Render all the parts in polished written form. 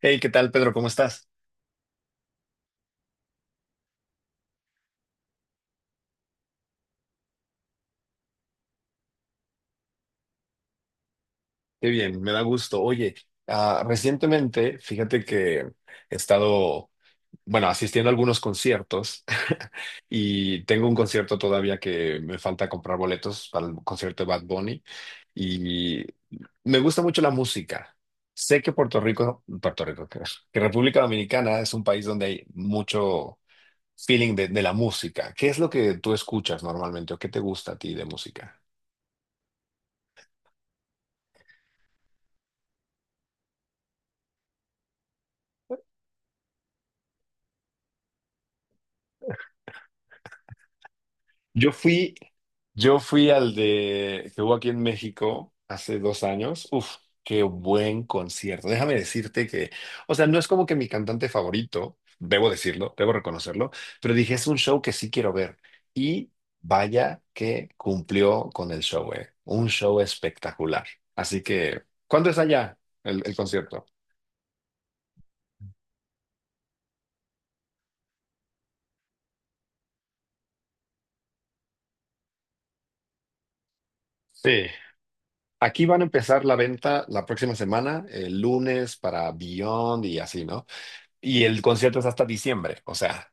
Hey, ¿qué tal, Pedro? ¿Cómo estás? Qué bien, me da gusto. Oye, recientemente, fíjate que he estado, bueno, asistiendo a algunos conciertos y tengo un concierto todavía que me falta comprar boletos para el concierto de Bad Bunny y me gusta mucho la música. Sé que Puerto Rico, que República Dominicana es un país donde hay mucho feeling de la música. ¿Qué es lo que tú escuchas normalmente o qué te gusta a ti de música? Yo fui, yo fui al de que hubo aquí en México hace 2 años. Uf, qué buen concierto. Déjame decirte que, o sea, no es como que mi cantante favorito, debo decirlo, debo reconocerlo, pero dije, es un show que sí quiero ver. Y vaya que cumplió con el show, eh. Un show espectacular. Así que, ¿cuándo es allá el concierto? Sí. Aquí van a empezar la venta la próxima semana, el lunes para Beyond y así, ¿no? Y el concierto es hasta diciembre, o sea,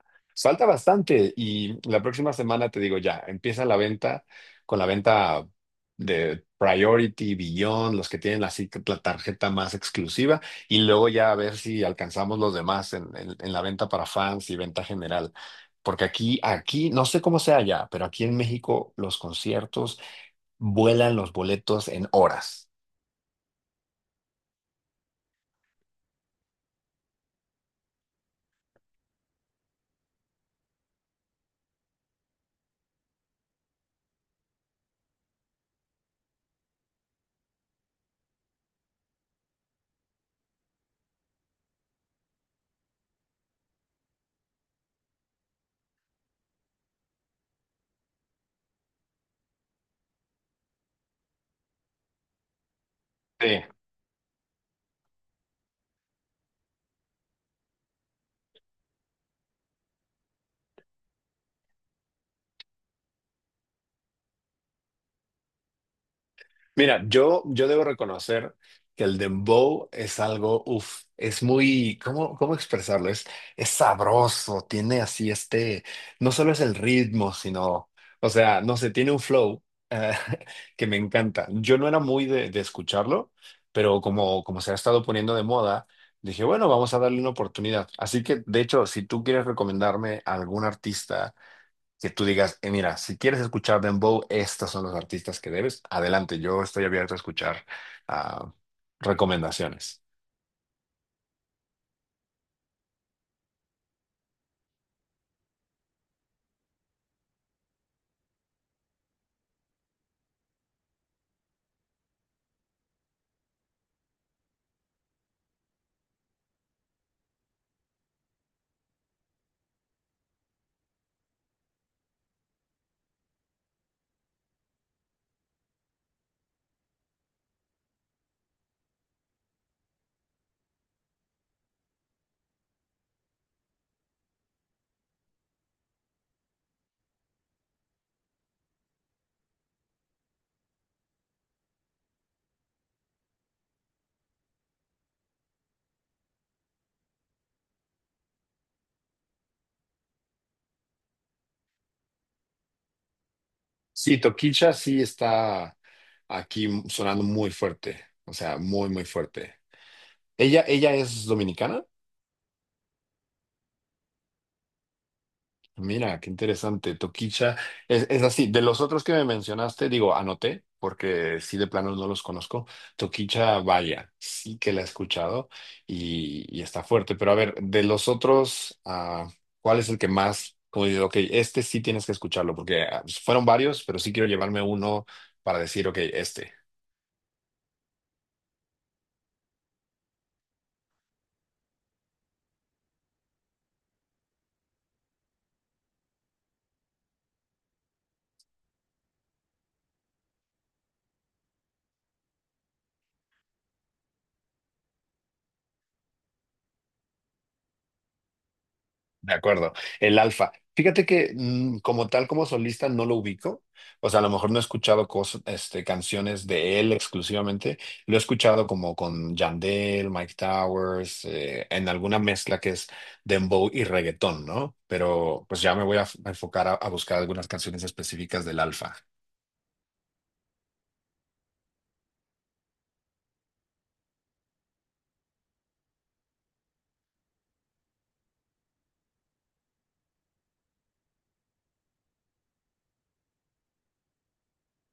falta bastante y la próxima semana te digo ya, empieza la venta con la venta de Priority, Beyond, los que tienen la, si- la tarjeta más exclusiva y luego ya a ver si alcanzamos los demás en, en la venta para fans y venta general. Porque aquí, aquí, no sé cómo sea allá, pero aquí en México los conciertos vuelan los boletos en horas. Sí. Mira, yo debo reconocer que el dembow es algo, uff, es muy, ¿cómo expresarlo? Es sabroso, tiene así este, no solo es el ritmo, sino, o sea, no sé, tiene un flow eh, que me encanta. Yo no era muy de escucharlo, pero como se ha estado poniendo de moda, dije, bueno, vamos a darle una oportunidad. Así que, de hecho, si tú quieres recomendarme a algún artista, que tú digas: mira, si quieres escuchar Dembow, estos son los artistas que debes. Adelante, yo estoy abierto a escuchar ah, recomendaciones". Sí, Toquicha sí está aquí sonando muy fuerte, o sea, muy, muy fuerte. ¿Ella es dominicana? Mira, qué interesante. Toquicha, es así. De los otros que me mencionaste, digo, anoté, porque sí de plano no los conozco. Toquicha, vaya, sí que la he escuchado y está fuerte. Pero a ver, de los otros, ¿cuál es el que más, como digo, ok, este sí tienes que escucharlo, porque fueron varios, pero sí quiero llevarme uno para decir, ok, este. De acuerdo, el Alfa. Fíjate que como tal, como solista, no lo ubico. O sea, a lo mejor no he escuchado este, canciones de él exclusivamente. Lo he escuchado como con Yandel, Mike Towers, en alguna mezcla que es dembow y reggaetón, ¿no? Pero pues ya me voy a a enfocar a buscar algunas canciones específicas del Alfa.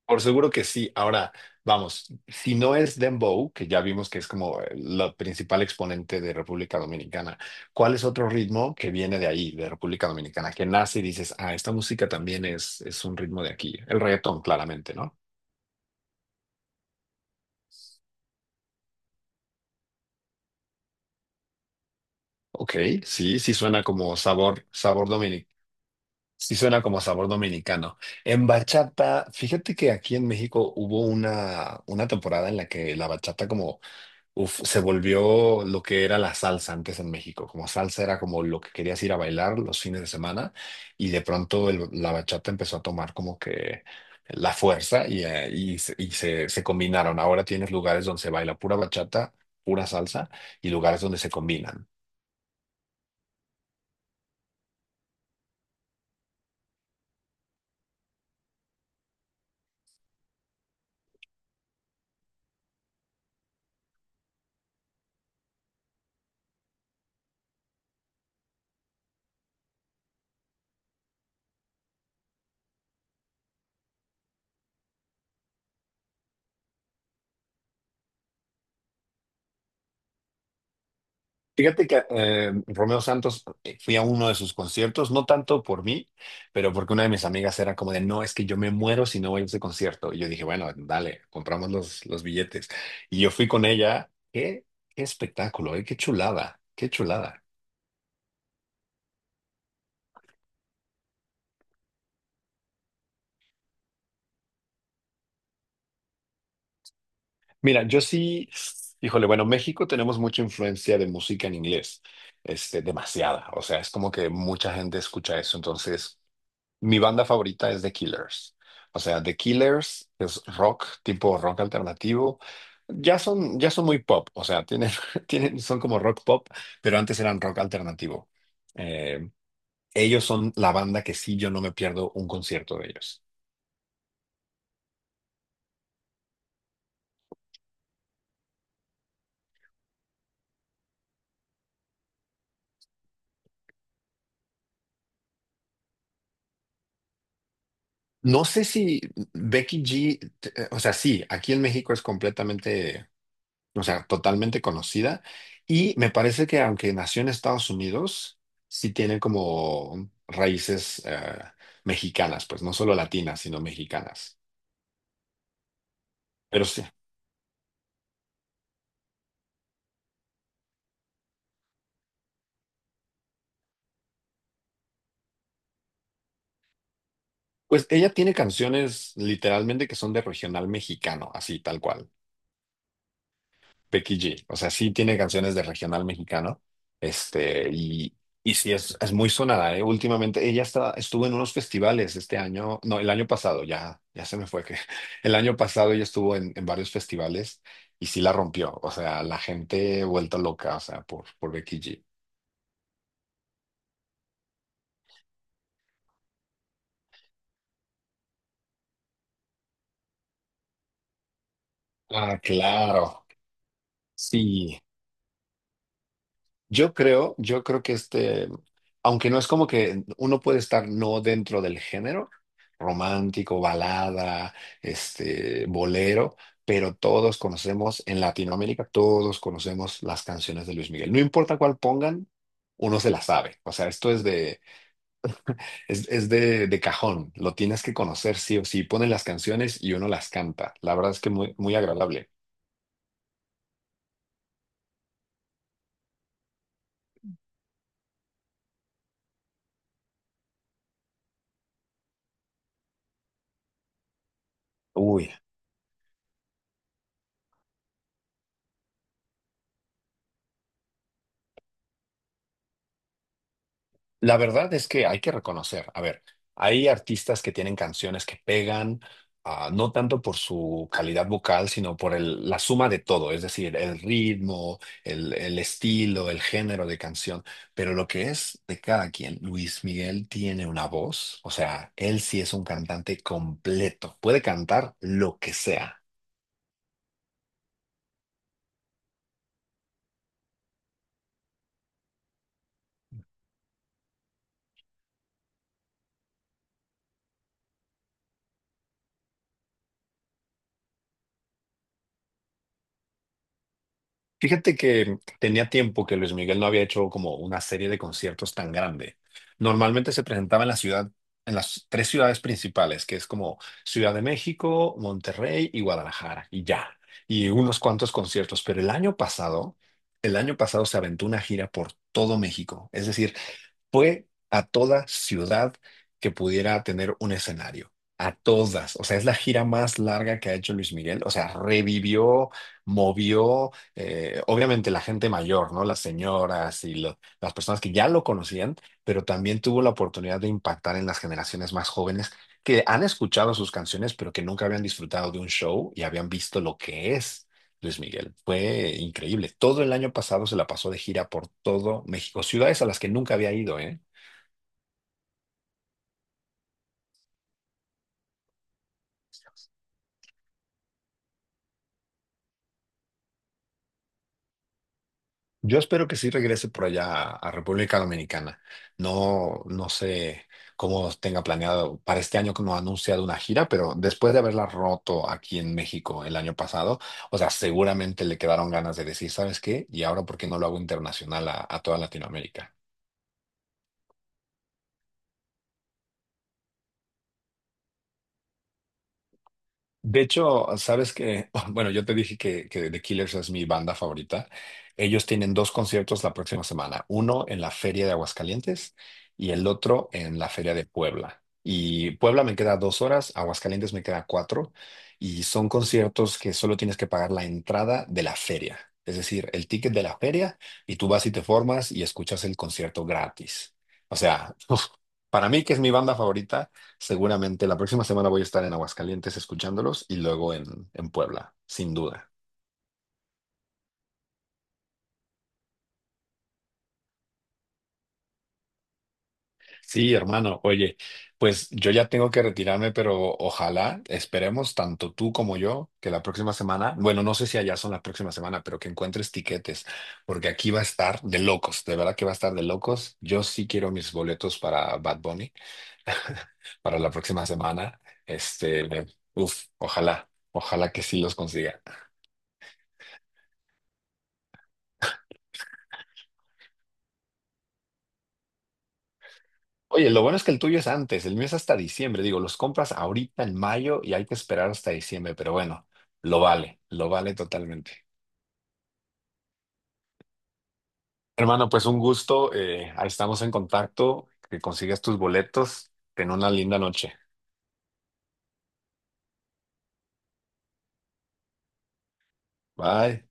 Por seguro que sí. Ahora, vamos, si no es Dembow, que ya vimos que es como la principal exponente de República Dominicana, ¿cuál es otro ritmo que viene de ahí, de República Dominicana, que nace y dices, ah, esta música también es un ritmo de aquí? El reggaetón, claramente, ¿no? Ok, sí, sí suena como sí suena como sabor dominicano. En bachata, fíjate que aquí en México hubo una temporada en la que la bachata como uf, se volvió lo que era la salsa antes en México. Como salsa era como lo que querías ir a bailar los fines de semana y de pronto la bachata empezó a tomar como que la fuerza y y se, se combinaron. Ahora tienes lugares donde se baila pura bachata, pura salsa y lugares donde se combinan. Fíjate que Romeo Santos, fui a uno de sus conciertos, no tanto por mí, pero porque una de mis amigas era como de, no, es que yo me muero si no voy a ese concierto. Y yo dije, bueno, dale, compramos los billetes. Y yo fui con ella. Qué, qué espectáculo, qué chulada, qué chulada. Mira, yo sí, híjole, bueno, México tenemos mucha influencia de música en inglés, este, demasiada. O sea, es como que mucha gente escucha eso. Entonces, mi banda favorita es The Killers. O sea, The Killers es rock, tipo rock alternativo. Ya son muy pop, o sea, tienen, tienen, son como rock pop, pero antes eran rock alternativo. Eh, ellos son la banda que sí, yo no me pierdo un concierto de ellos. No sé si Becky G, o sea, sí, aquí en México es completamente, o sea, totalmente conocida. Y me parece que aunque nació en Estados Unidos, sí tiene como raíces mexicanas, pues no solo latinas, sino mexicanas. Pero sí, pues ella tiene canciones literalmente que son de regional mexicano, así tal cual. Becky G. O sea, sí tiene canciones de regional mexicano. Este, y, es muy sonada, ¿eh? Últimamente ella está, estuvo en unos festivales este año, no, el año pasado, ya, ya se me fue que el año pasado ella estuvo en varios festivales y sí la rompió. O sea, la gente vuelta loca, o sea, por Becky G. Ah, claro. Sí. Yo creo que este, aunque no es como que uno puede estar no dentro del género romántico, balada, este, bolero, pero todos conocemos en Latinoamérica, todos conocemos las canciones de Luis Miguel. No importa cuál pongan, uno se la sabe. O sea, esto es de, es de cajón. Lo tienes que conocer sí o sí. Ponen las canciones y uno las canta. La verdad es que muy, muy agradable. Uy. La verdad es que hay que reconocer, a ver, hay artistas que tienen canciones que pegan, ah, no tanto por su calidad vocal, sino por la suma de todo, es decir, el ritmo, el estilo, el género de canción, pero lo que es de cada quien, Luis Miguel tiene una voz, o sea, él sí es un cantante completo, puede cantar lo que sea. Fíjate que tenía tiempo que Luis Miguel no había hecho como una serie de conciertos tan grande. Normalmente se presentaba en la ciudad, en las tres ciudades principales, que es como Ciudad de México, Monterrey y Guadalajara, y ya. Y unos cuantos conciertos. Pero el año pasado se aventó una gira por todo México. Es decir, fue a toda ciudad que pudiera tener un escenario. A todas. O sea, es la gira más larga que ha hecho Luis Miguel. O sea, revivió, movió, obviamente la gente mayor, ¿no? Las señoras y las personas que ya lo conocían, pero también tuvo la oportunidad de impactar en las generaciones más jóvenes que han escuchado sus canciones, pero que nunca habían disfrutado de un show y habían visto lo que es Luis Miguel. Fue increíble. Todo el año pasado se la pasó de gira por todo México, ciudades a las que nunca había ido, ¿eh? Yo espero que sí regrese por allá a República Dominicana. No, no sé cómo tenga planeado para este año que no ha anunciado una gira, pero después de haberla roto aquí en México el año pasado, o sea, seguramente le quedaron ganas de decir, ¿sabes qué? Y ahora, ¿por qué no lo hago internacional a toda Latinoamérica? De hecho, sabes que, bueno, yo te dije que The Killers es mi banda favorita. Ellos tienen dos conciertos la próxima semana, uno en la Feria de Aguascalientes y el otro en la Feria de Puebla. Y Puebla me queda 2 horas, Aguascalientes me queda cuatro, y son conciertos que solo tienes que pagar la entrada de la feria, es decir, el ticket de la feria, y tú vas y te formas y escuchas el concierto gratis. O sea, para mí, que es mi banda favorita, seguramente la próxima semana voy a estar en Aguascalientes escuchándolos y luego en Puebla, sin duda. Sí, hermano, oye, pues yo ya tengo que retirarme, pero ojalá, esperemos tanto tú como yo que la próxima semana, bueno, no sé si allá son la próxima semana, pero que encuentres tiquetes, porque aquí va a estar de locos, de verdad que va a estar de locos. Yo sí quiero mis boletos para Bad Bunny para la próxima semana. Este, uf, ojalá, ojalá que sí los consiga. Oye, lo bueno es que el tuyo es antes, el mío es hasta diciembre. Digo, los compras ahorita en mayo y hay que esperar hasta diciembre, pero bueno, lo vale totalmente. Hermano, pues un gusto, ahí estamos en contacto, que consigas tus boletos, ten una linda noche. Bye.